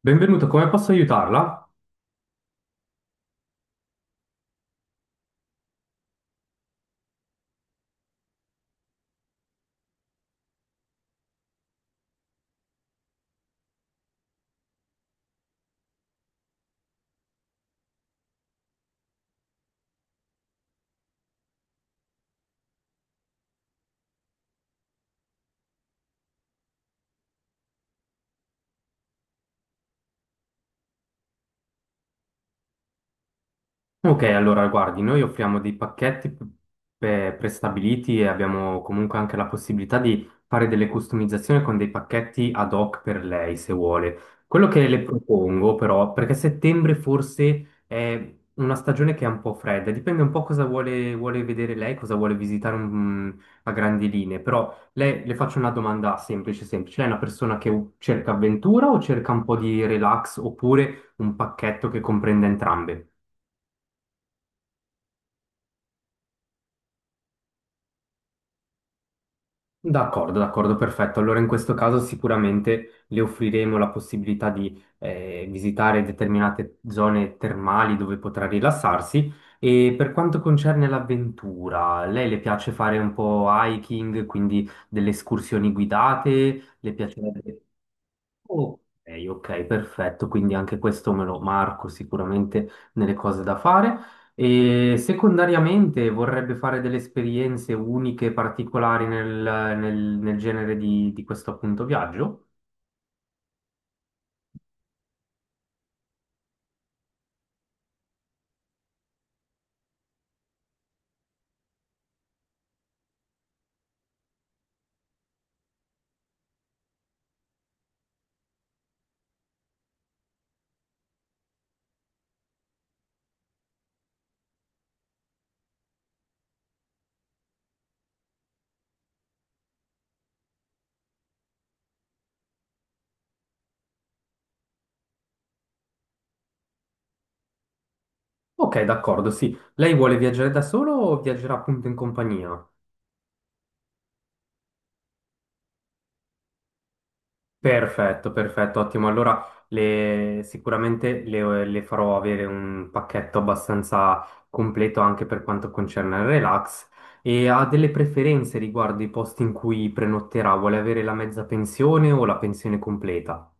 Benvenuta, come posso aiutarla? Ok, allora guardi, noi offriamo dei pacchetti prestabiliti e abbiamo comunque anche la possibilità di fare delle customizzazioni con dei pacchetti ad hoc per lei, se vuole. Quello che le propongo però, perché settembre forse è una stagione che è un po' fredda, dipende un po' cosa vuole, vuole vedere lei, cosa vuole visitare a grandi linee, però lei, le faccio una domanda semplice, semplice. Lei è una persona che cerca avventura o cerca un po' di relax oppure un pacchetto che comprende entrambe? D'accordo, d'accordo, perfetto. Allora in questo caso sicuramente le offriremo la possibilità di visitare determinate zone termali dove potrà rilassarsi. E per quanto concerne l'avventura, lei le piace fare un po' hiking, quindi delle escursioni guidate? Le piacerebbe? Oh, ok, ok, perfetto, quindi anche questo me lo marco sicuramente nelle cose da fare. E secondariamente vorrebbe fare delle esperienze uniche, particolari nel, nel genere di questo appunto viaggio? Ok, d'accordo, sì. Lei vuole viaggiare da solo o viaggerà appunto in compagnia? Perfetto, perfetto, ottimo. Allora sicuramente le farò avere un pacchetto abbastanza completo anche per quanto concerne il relax e ha delle preferenze riguardo i posti in cui prenotterà, vuole avere la mezza pensione o la pensione completa?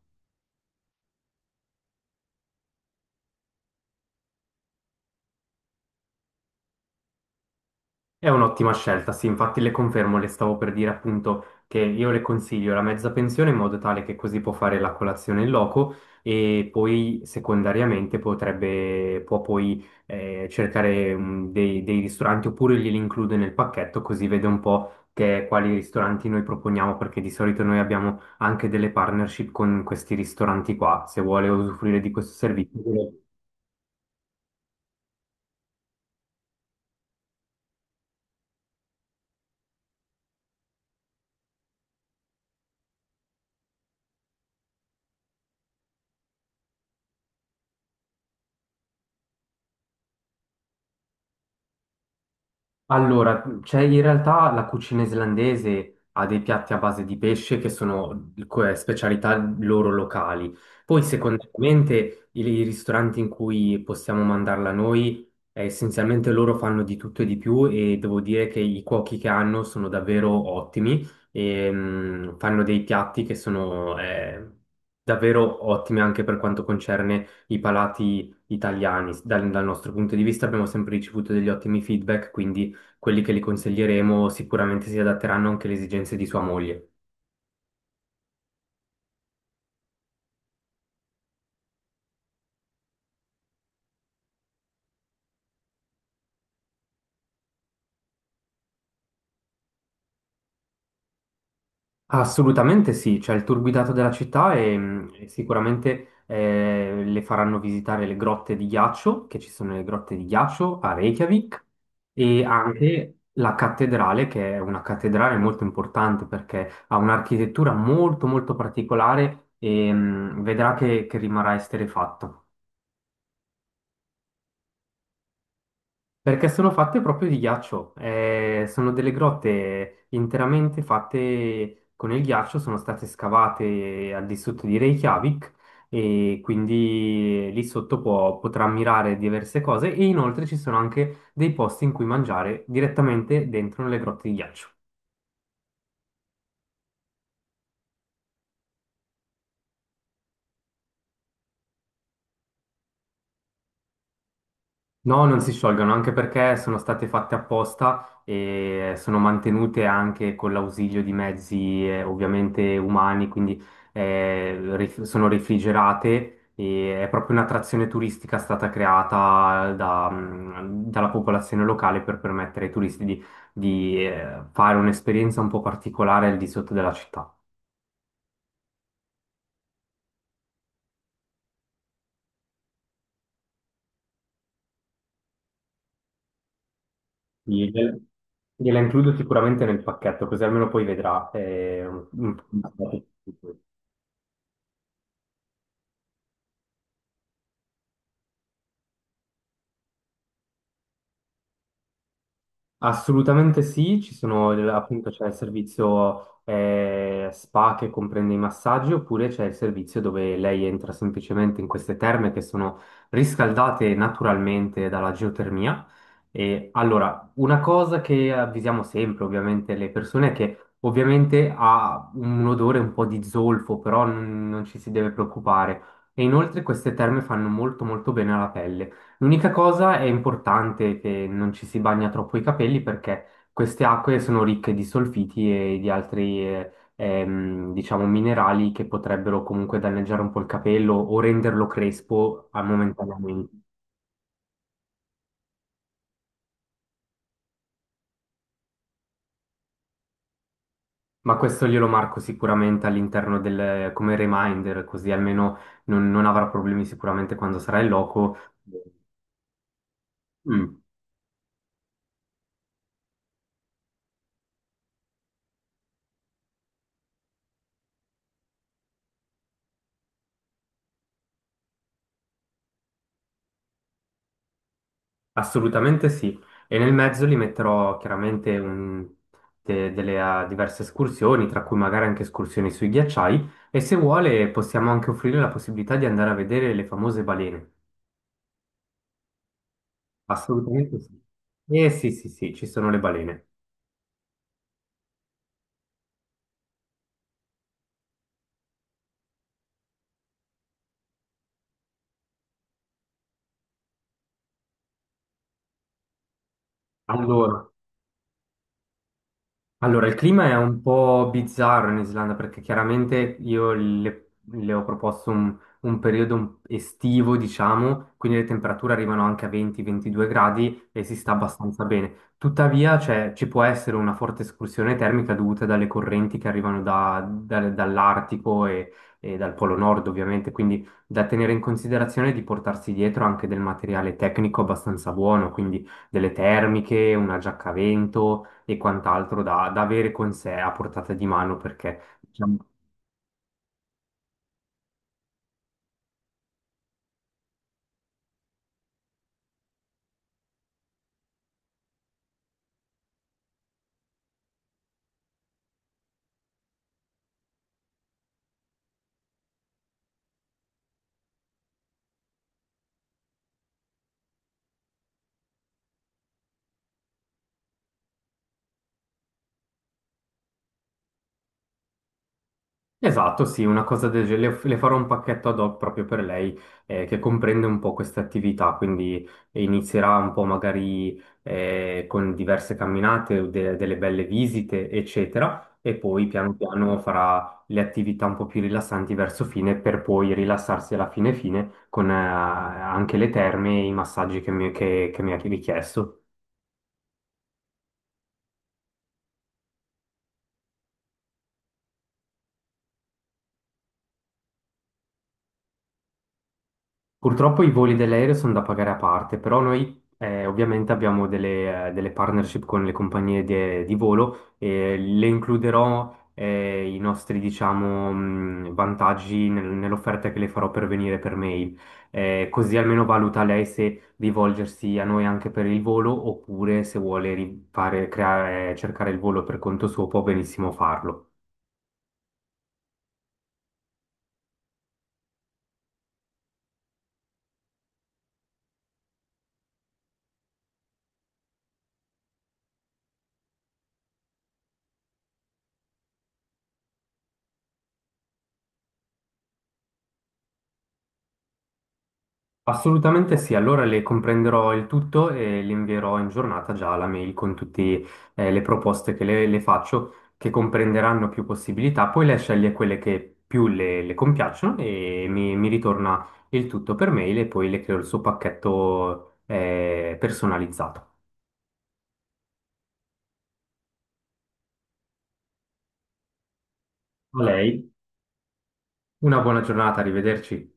È un'ottima scelta, sì, infatti le confermo, le stavo per dire appunto che io le consiglio la mezza pensione in modo tale che così può fare la colazione in loco e poi secondariamente potrebbe, può poi cercare dei, dei ristoranti oppure glieli include nel pacchetto così vede un po' che, quali ristoranti noi proponiamo perché di solito noi abbiamo anche delle partnership con questi ristoranti qua, se vuole usufruire di questo servizio. Allora, cioè in realtà la cucina islandese ha dei piatti a base di pesce che sono specialità loro locali. Poi, secondariamente, i ristoranti in cui possiamo mandarla noi, essenzialmente loro fanno di tutto e di più e devo dire che i cuochi che hanno sono davvero ottimi e fanno dei piatti che sono davvero ottimi anche per quanto concerne i palati italiani. Dal, dal nostro punto di vista abbiamo sempre ricevuto degli ottimi feedback, quindi quelli che gli consiglieremo sicuramente si adatteranno anche alle esigenze di sua moglie. Assolutamente sì, c'è il tour guidato della città e sicuramente le faranno visitare le grotte di ghiaccio, che ci sono le grotte di ghiaccio a Reykjavik, e anche la cattedrale, che è una cattedrale molto importante perché ha un'architettura molto molto particolare e vedrà che rimarrà esterrefatto. Perché sono fatte proprio di ghiaccio, sono delle grotte interamente fatte con il ghiaccio, sono state scavate al di sotto di Reykjavik e quindi lì sotto potrà ammirare diverse cose e inoltre ci sono anche dei posti in cui mangiare direttamente dentro le grotte di ghiaccio. No, non si sciolgono, anche perché sono state fatte apposta e sono mantenute anche con l'ausilio di mezzi ovviamente umani, quindi sono refrigerate e è proprio un'attrazione turistica stata creata da, dalla popolazione locale per permettere ai turisti di, di fare un'esperienza un po' particolare al di sotto della città. Gliela gliela includo sicuramente nel pacchetto, così almeno poi vedrà. Un- Assolutamente sì, ci sono appunto c'è il servizio spa che comprende i massaggi oppure c'è il servizio dove lei entra semplicemente in queste terme che sono riscaldate naturalmente dalla geotermia. E allora, una cosa che avvisiamo sempre ovviamente le persone è che ovviamente ha un odore un po' di zolfo, però non ci si deve preoccupare. E inoltre queste terme fanno molto molto bene alla pelle. L'unica cosa è importante che non ci si bagna troppo i capelli perché queste acque sono ricche di solfiti e di altri, diciamo, minerali che potrebbero comunque danneggiare un po' il capello o renderlo crespo momentaneamente. Ma questo glielo marco sicuramente all'interno del, come reminder, così almeno non avrà problemi sicuramente quando sarà in loco. Mm. Assolutamente sì, e nel mezzo li metterò chiaramente delle ah, diverse escursioni, tra cui magari anche escursioni sui ghiacciai, e se vuole possiamo anche offrire la possibilità di andare a vedere le famose balene. Assolutamente sì. Eh sì, sì, sì, ci sono le balene. Allora. Allora, il clima è un po' bizzarro in Islanda perché chiaramente io le ho proposto un periodo estivo, diciamo, quindi le temperature arrivano anche a 20-22 gradi e si sta abbastanza bene. Tuttavia, cioè, ci può essere una forte escursione termica dovuta dalle correnti che arrivano dall'Artico e dal Polo Nord, ovviamente, quindi da tenere in considerazione di portarsi dietro anche del materiale tecnico abbastanza buono, quindi delle termiche, una giacca a vento e quant'altro da, da avere con sé a portata di mano perché diciamo... Esatto, sì, una cosa del genere. Le farò un pacchetto ad hoc proprio per lei che comprende un po' queste attività, quindi inizierà un po' magari con diverse camminate, delle belle visite, eccetera, e poi piano piano farà le attività un po' più rilassanti verso fine per poi rilassarsi alla fine fine con anche le terme e i massaggi che mi ha richiesto. Purtroppo i voli dell'aereo sono da pagare a parte, però noi ovviamente abbiamo delle, delle partnership con le compagnie di volo e le includerò i nostri, diciamo, vantaggi nell'offerta che le farò per venire per mail. Così almeno valuta lei se rivolgersi a noi anche per il volo oppure se vuole cercare il volo per conto suo può benissimo farlo. Assolutamente sì, allora le comprenderò il tutto e le invierò in giornata già la mail con tutte le proposte che le faccio, che comprenderanno più possibilità. Poi lei sceglie quelle che più le compiacciono e mi ritorna il tutto per mail e poi le creo il suo pacchetto personalizzato. A lei, una buona giornata, arrivederci.